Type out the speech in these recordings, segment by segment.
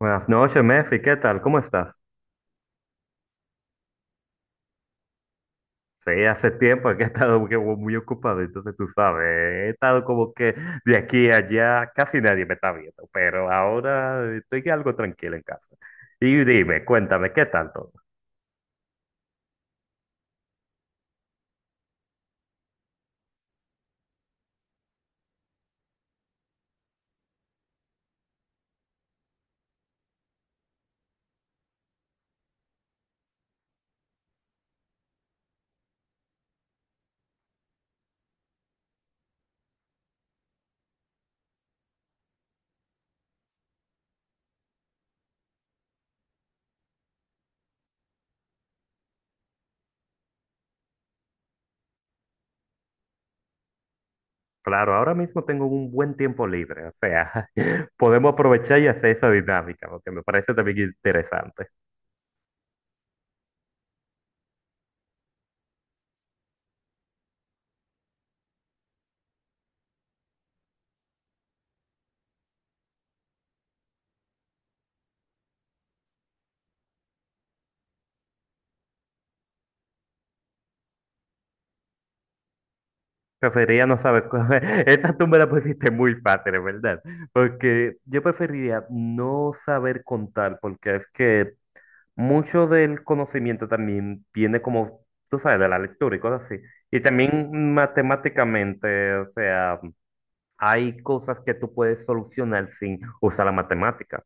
Buenas noches, Mefi, ¿qué tal? ¿Cómo estás? Sí, hace tiempo que he estado que muy ocupado, entonces tú sabes, he estado como que de aquí a allá casi nadie me está viendo, pero ahora estoy algo tranquilo en casa. Y dime, cuéntame, ¿qué tal todo? Claro, ahora mismo tengo un buen tiempo libre, o sea, podemos aprovechar y hacer esa dinámica, lo que me parece también interesante. Preferiría no saber, esta tú me la pusiste muy fácil, en ¿verdad? Porque yo preferiría no saber contar, porque es que mucho del conocimiento también viene como, tú sabes, de la lectura y cosas así. Y también matemáticamente, o sea, hay cosas que tú puedes solucionar sin usar la matemática.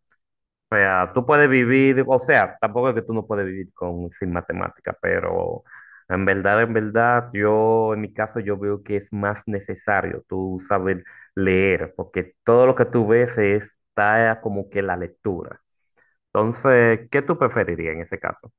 O sea, tú puedes vivir, o sea, tampoco es que tú no puedes vivir con, sin matemática, pero en verdad, yo, en mi caso, yo veo que es más necesario tú saber leer, porque todo lo que tú ves está como que la lectura. Entonces, ¿qué tú preferirías en ese caso?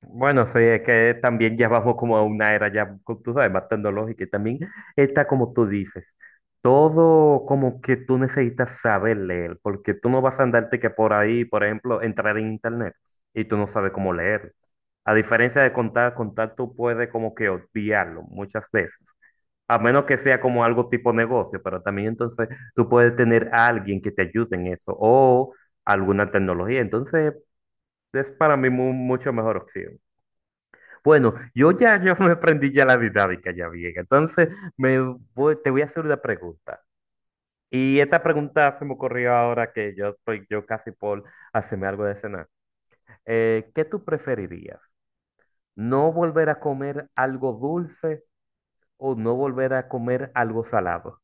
Bueno, sí, es que también ya vamos como a una era ya, tú sabes, más tecnológica y también está como tú dices, todo como que tú necesitas saber leer, porque tú no vas a andarte que por ahí, por ejemplo, entrar en internet y tú no sabes cómo leer. A diferencia de contar, contar tú puedes como que obviarlo muchas veces, a menos que sea como algo tipo negocio, pero también entonces tú puedes tener a alguien que te ayude en eso o alguna tecnología, entonces es para mí mucho mejor opción. Bueno, yo ya yo me aprendí ya la dinámica ya bien. Entonces, me te voy a hacer una pregunta. Y esta pregunta se me ocurrió ahora que yo estoy yo casi por hacerme algo de cenar. ¿Qué tú preferirías? ¿No volver a comer algo dulce o no volver a comer algo salado?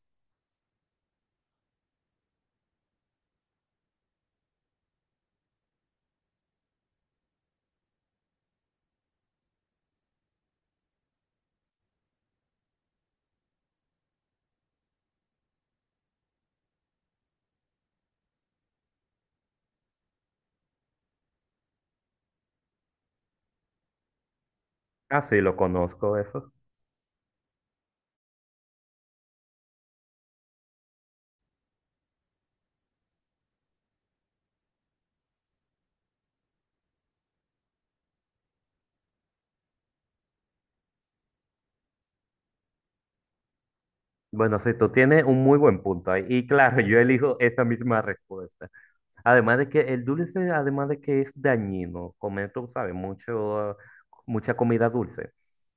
Ah, sí, lo conozco eso. Bueno, sí, tú tienes un muy buen punto ahí. Y claro, yo elijo esta misma respuesta. Además de que el dulce, además de que es dañino, comer, tú sabes, mucho, mucha comida dulce,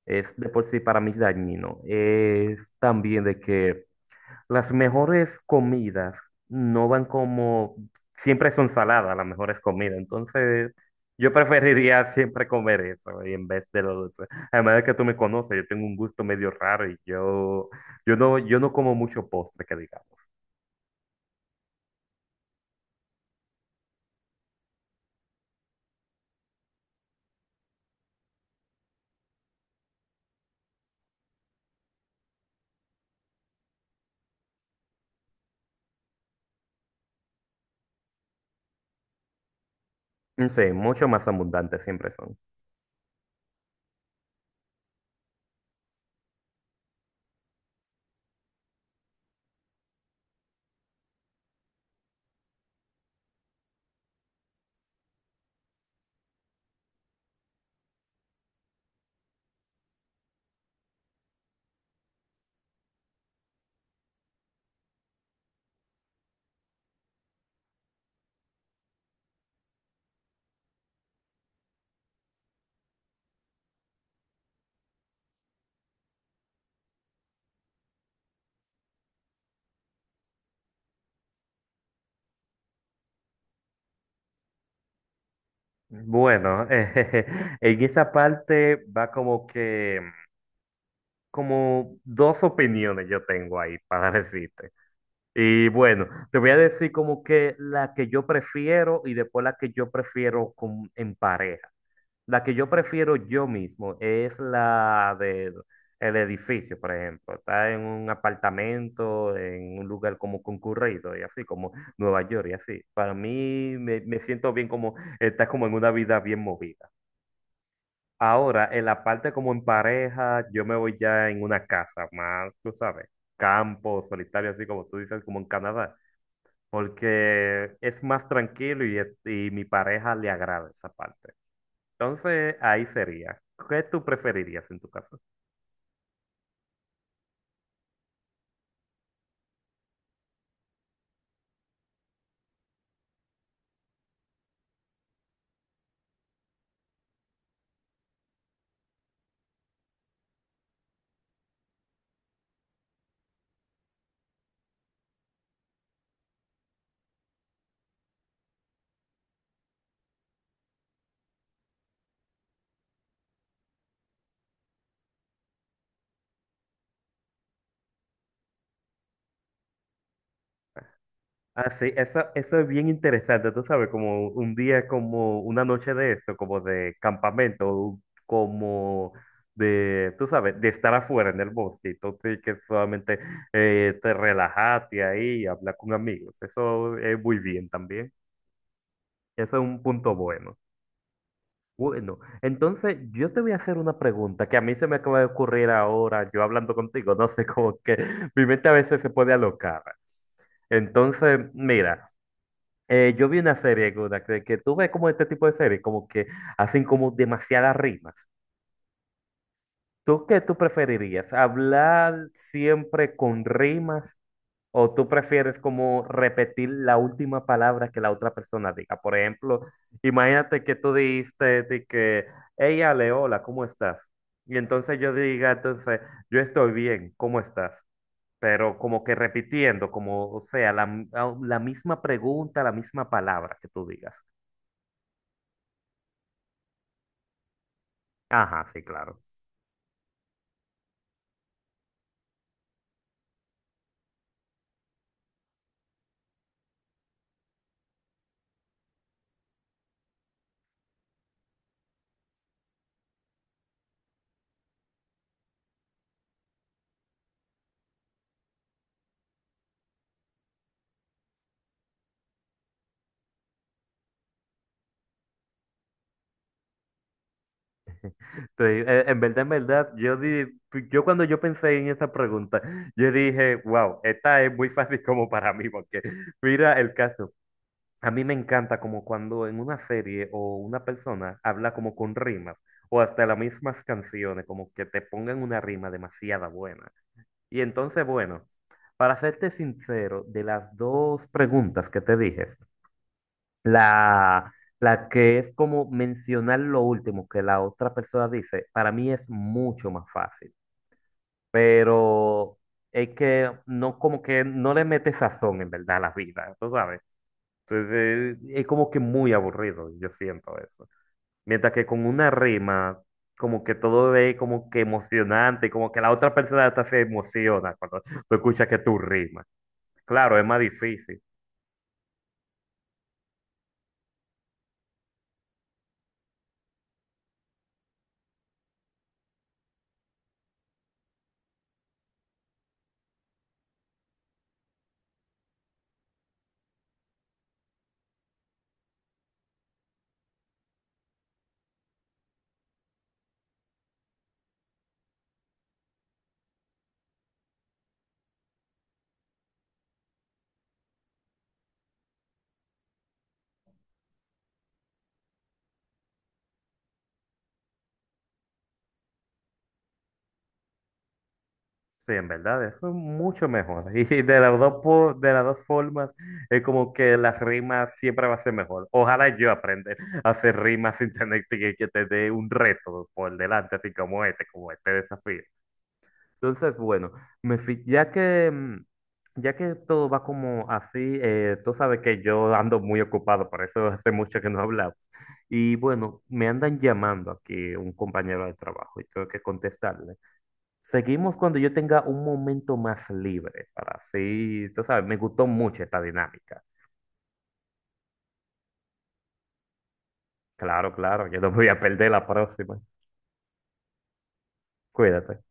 es de por sí para mí dañino. Es también de que las mejores comidas no van como, siempre son saladas las mejores comidas, entonces yo preferiría siempre comer eso y en vez de lo dulce. Además de que tú me conoces, yo tengo un gusto medio raro y yo no, yo no como mucho postre, que digamos. No sé, mucho más abundante siempre son. Bueno, en esa parte va como que, como dos opiniones yo tengo ahí para decirte. Y bueno, te voy a decir como que la que yo prefiero y después la que yo prefiero en pareja. La que yo prefiero yo mismo es la del el edificio, por ejemplo. Está en un apartamento, en un lugar como concurrido y así, como Nueva York y así. Para mí me, me siento bien como, está como en una vida bien movida. Ahora, en la parte como en pareja, yo me voy ya en una casa más, tú sabes, campo, solitario, así como tú dices, como en Canadá, porque es más tranquilo y, y mi pareja le agrada esa parte. Entonces, ahí sería. ¿Qué tú preferirías en tu caso? Ah, sí, eso es bien interesante, tú sabes, como un día como una noche de esto, como de campamento, como de, tú sabes, de estar afuera en el bosque, entonces que solamente te relajaste ahí y hablar con amigos, eso es muy bien también, eso es un punto bueno. Bueno, entonces yo te voy a hacer una pregunta que a mí se me acaba de ocurrir ahora, yo hablando contigo, no sé, como que mi mente a veces se puede alocar. Entonces, mira. Yo vi una serie, Guna, que tú ves como este tipo de series, como que hacen como demasiadas rimas. ¿Tú qué tú preferirías? ¿Hablar siempre con rimas o tú prefieres como repetir la última palabra que la otra persona diga? Por ejemplo, imagínate que tú dijiste de que, hey Ale, hola, ¿cómo estás? Y entonces yo diga, entonces, yo estoy bien, ¿cómo estás? Pero como que repitiendo, como, o sea, la misma pregunta, la misma palabra que tú digas. Ajá, sí, claro. Sí, en verdad, yo, di, yo cuando yo pensé en esta pregunta, yo dije, wow, esta es muy fácil como para mí, porque mira el caso. A mí me encanta como cuando en una serie o una persona habla como con rimas o hasta las mismas canciones, como que te pongan una rima demasiada buena. Y entonces, bueno, para serte sincero, de las dos preguntas que te dije, La, la que es como mencionar lo último que la otra persona dice, para mí es mucho más fácil, pero es que no como que no le mete sazón en verdad a la vida, tú sabes. Entonces es como que muy aburrido, yo siento eso. Mientras que con una rima, como que todo es como que emocionante, como que la otra persona hasta se emociona cuando tú escuchas que tú rimas. Claro, es más difícil. Sí, en verdad, eso es mucho mejor. Y de las dos, de las dos formas, es como que las rimas siempre va a ser mejor. Ojalá yo aprenda a hacer rimas sin tener que tener un reto por delante, así como este desafío. Entonces, bueno, me ya que, ya que todo va como así, tú sabes que yo ando muy ocupado, por eso hace mucho que no hablamos. Y bueno, me andan llamando aquí un compañero de trabajo y tengo que contestarle. Seguimos cuando yo tenga un momento más libre para así, tú sabes, me gustó mucho esta dinámica. Claro, claro, yo no me voy a perder la próxima. Cuídate.